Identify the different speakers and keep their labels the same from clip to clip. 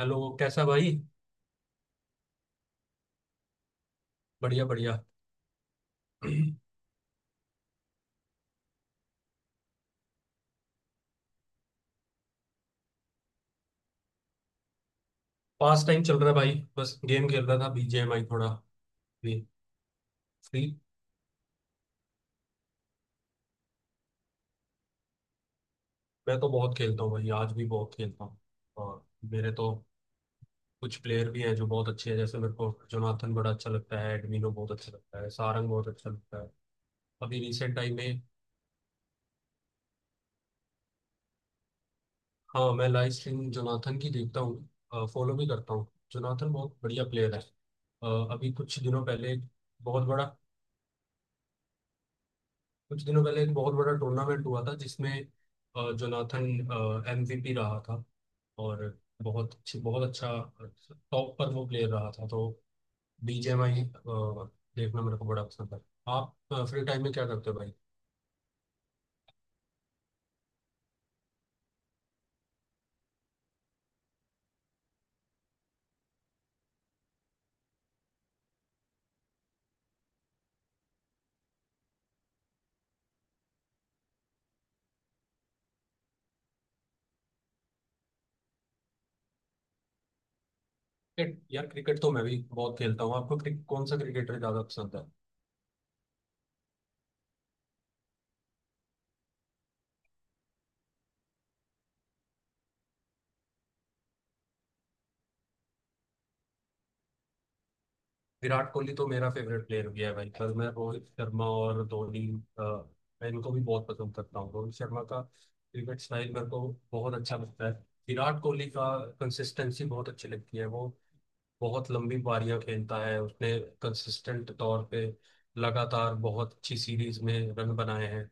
Speaker 1: Hello, कैसा भाई। बढ़िया बढ़िया। पास टाइम चल रहा है भाई, बस गेम खेल रहा था बीजीएमआई थोड़ा। फ्री। फ्री। मैं तो बहुत खेलता हूँ भाई, आज भी बहुत खेलता हूँ। और मेरे तो कुछ प्लेयर भी हैं जो बहुत अच्छे हैं, जैसे मेरे को जोनाथन बड़ा अच्छा लगता है, एडमिनो बहुत अच्छा लगता है, सारंग बहुत अच्छा लगता है। अभी रिसेंट टाइम में। हाँ, मैं लाइव स्ट्रीम जोनाथन की देखता हूँ, फॉलो भी करता हूँ। जोनाथन बहुत बढ़िया प्लेयर है। अ, अभी कुछ दिनों पहले एक बहुत बड़ा कुछ दिनों पहले एक बहुत बड़ा टूर्नामेंट हुआ था जिसमें जोनाथन एमवीपी रहा था। और बहुत अच्छा, टॉप पर वो प्लेयर रहा था। तो बीजेएमआई देखना मेरे को बड़ा पसंद है। आप फ्री टाइम में क्या करते हो भाई? क्रिकेट यार, क्रिकेट तो मैं भी बहुत खेलता हूँ। आपको कौन सा क्रिकेटर ज्यादा पसंद है? विराट कोहली तो मेरा फेवरेट प्लेयर भी है भाई, पर मैं रोहित शर्मा और धोनी, अ, मैं इनको भी बहुत पसंद करता हूँ। रोहित शर्मा का क्रिकेट स्टाइल मेरे को बहुत अच्छा लगता है। विराट कोहली का कंसिस्टेंसी बहुत अच्छी लगती है। वो बहुत लंबी पारियां खेलता है, उसने कंसिस्टेंट तौर पे लगातार बहुत अच्छी सीरीज में रन बनाए हैं।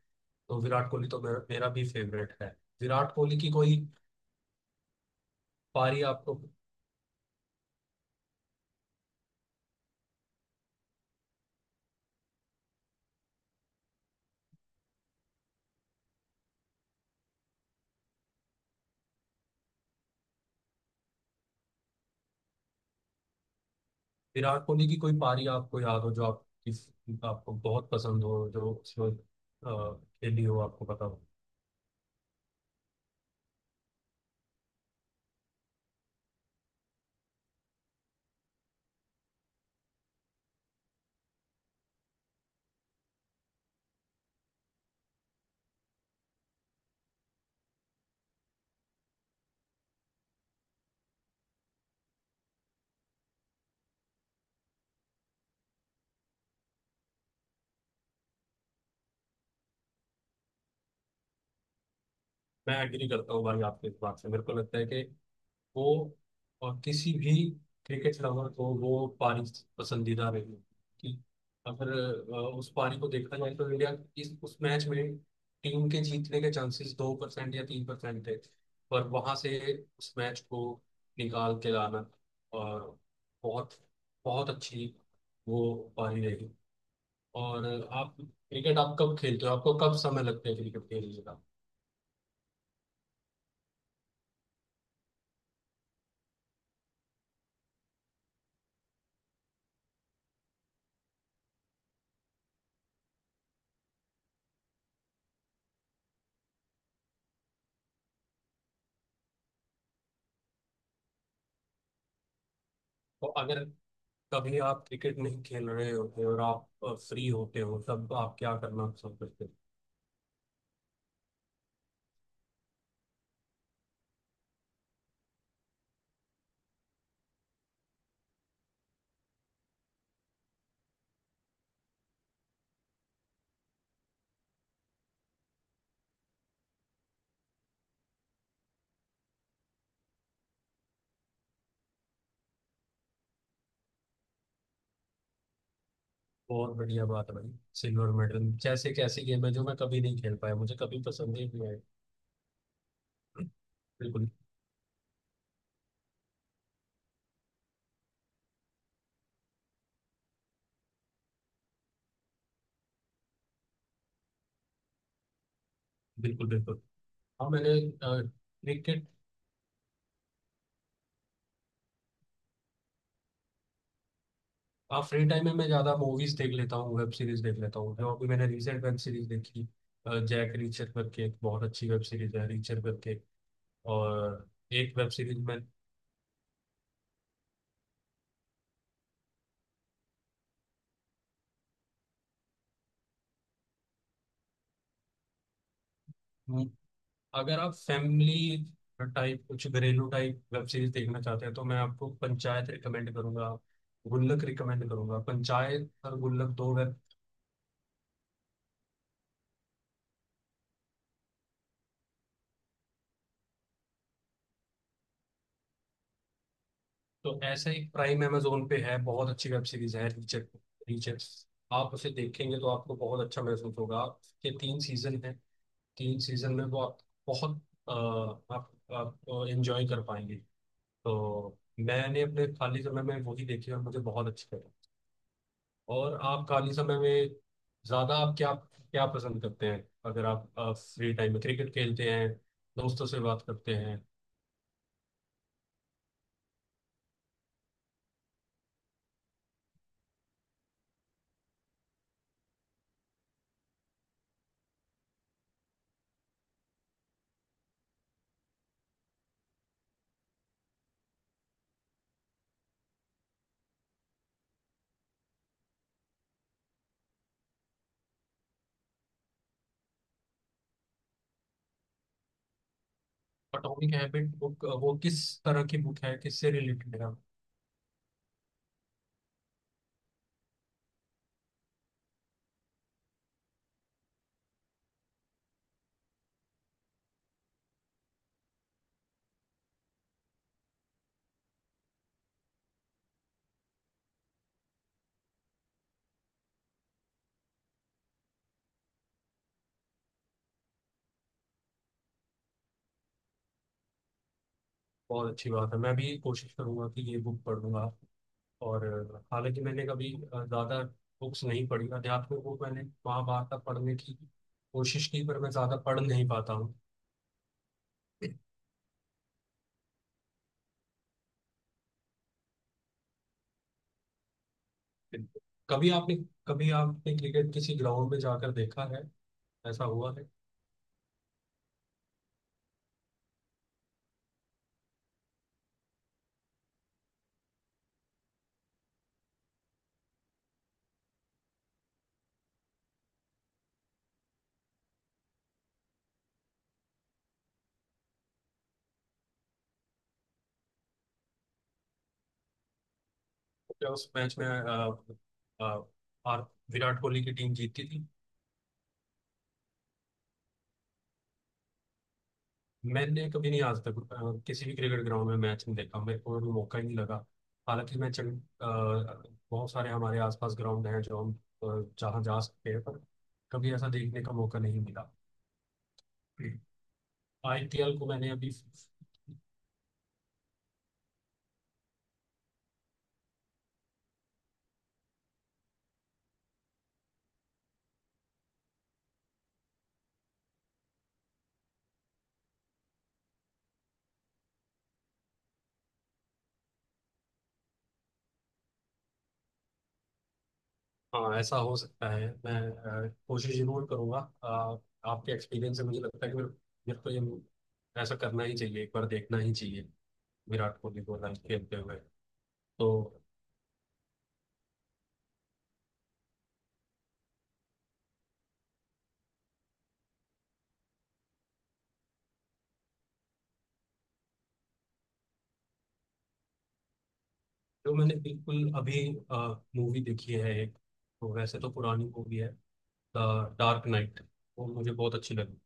Speaker 1: तो विराट कोहली तो मेरा मेरा भी फेवरेट है। विराट कोहली की कोई पारी आपको विराट कोहली की कोई पारी आपको याद हो, जो आप किस आपको बहुत पसंद हो, जो उसमें खेली हो, आपको पता हो? मैं एग्री करता हूँ भाई आपके इस बात से। मेरे को लगता है कि वो और किसी भी क्रिकेट लवर को वो पानी पसंदीदा रही, कि अगर उस पारी को देखा जाए तो इंडिया इस उस मैच में टीम के जीतने के चांसेस 2% या 3% थे। पर वहां से उस मैच को निकाल के लाना, और बहुत बहुत अच्छी वो पारी रही। और आप कब खेलते हो, आपको कब समय लगता है क्रिकेट खेलने का? तो अगर कभी आप क्रिकेट नहीं खेल रहे होते और आप फ्री होते हो, तब आप क्या करना पसंद करते हो? बहुत बढ़िया बात है भाई। सिल्वर मेडल जैसे कैसी गेम है जो मैं कभी नहीं खेल पाया, मुझे कभी पसंद ही नहीं आई। बिल्कुल, बिल्कुल, बिल्कुल। हाँ, मैंने क्रिकेट। हाँ, फ्री टाइम में मैं ज़्यादा मूवीज़ देख लेता हूँ, वेब सीरीज़ देख लेता हूँ। जो अभी मैंने रिसेंट वेब सीरीज़ देखी, जैक रीचर करके, एक बहुत अच्छी वेब सीरीज़ है, रीचर करके। और एक वेब सीरीज में, अगर आप फैमिली टाइप कुछ घरेलू टाइप वेब सीरीज देखना चाहते हैं तो मैं आपको पंचायत रिकमेंड करूंगा, गुल्लक रिकमेंड करूंगा। पंचायत और गुल्लक दो वेब। तो ऐसा एक प्राइम अमेजोन पे है, बहुत अच्छी वेब सीरीज है, रीचेक, रीचेक। आप उसे देखेंगे तो आपको बहुत अच्छा महसूस होगा। के तीन सीजन है, तीन सीजन में वो आप बहुत अ, आप एंजॉय कर पाएंगे। तो मैंने अपने खाली समय में वही देखी और मुझे बहुत अच्छी लगी। और आप खाली समय में ज्यादा आप क्या क्या पसंद करते हैं? अगर आप फ्री टाइम में क्रिकेट खेलते हैं, दोस्तों से बात करते हैं? एटॉमिक हैबिट बुक वो किस तरह की बुक है, किससे रिलेटेड है? बहुत अच्छी बात है, मैं भी कोशिश करूंगा कि ये बुक पढ़ूंगा। और हालांकि मैंने कभी ज्यादा बुक्स नहीं पढ़ी। अध्यात्म बुक मैंने महाभारत तक पढ़ने की कोशिश की, पर मैं ज्यादा पढ़ नहीं पाता हूँ। कभी आपने कभी आपने क्रिकेट किसी ग्राउंड में जाकर देखा है, ऐसा हुआ है? क्या उस मैच में आ, आ, आर, विराट कोहली की टीम जीती थी? मैंने कभी नहीं आज तक किसी भी क्रिकेट ग्राउंड में मैच नहीं देखा, मेरे को भी मौका ही नहीं लगा। हालांकि मैं चंड, बहुत सारे हमारे आसपास ग्राउंड हैं जो जहाँ जा सकते हैं, पर कभी ऐसा देखने का मौका नहीं मिला। आईपीएल को मैंने अभी। हाँ, ऐसा हो सकता है, मैं कोशिश जरूर करूंगा। अ, आपके एक्सपीरियंस से मुझे लगता है कि मेरे मेरे को ये ऐसा करना ही चाहिए, एक बार देखना ही चाहिए विराट कोहली को लाइक खेलते हुए। तो जो मैंने बिल्कुल अभी मूवी देखी है एक, तो वैसे तो पुरानी मूवी है, द डार्क नाइट, वो मुझे बहुत अच्छी लगी।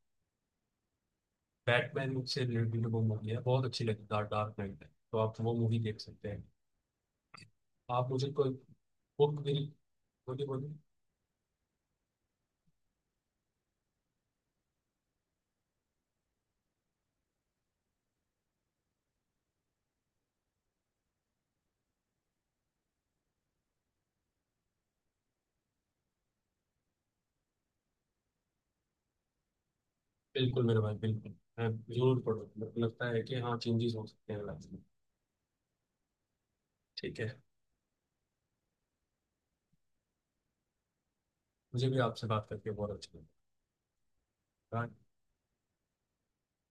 Speaker 1: बैटमैन से रिलेटेड वो मूवी है, बहुत अच्छी लगी, द डार्क नाइट, तो आप वो मूवी देख सकते हैं। आप मुझे कोई बुक भी बोलिए, बोलिए। बिल्कुल मेरे भाई, बिल्कुल, मैं जरूर पढ़ूँ। मेरे को लगता है कि हाँ, चेंजेस हो सकते हैं लाइफ में। ठीक है। मुझे भी आपसे बात करके बहुत अच्छा लगा।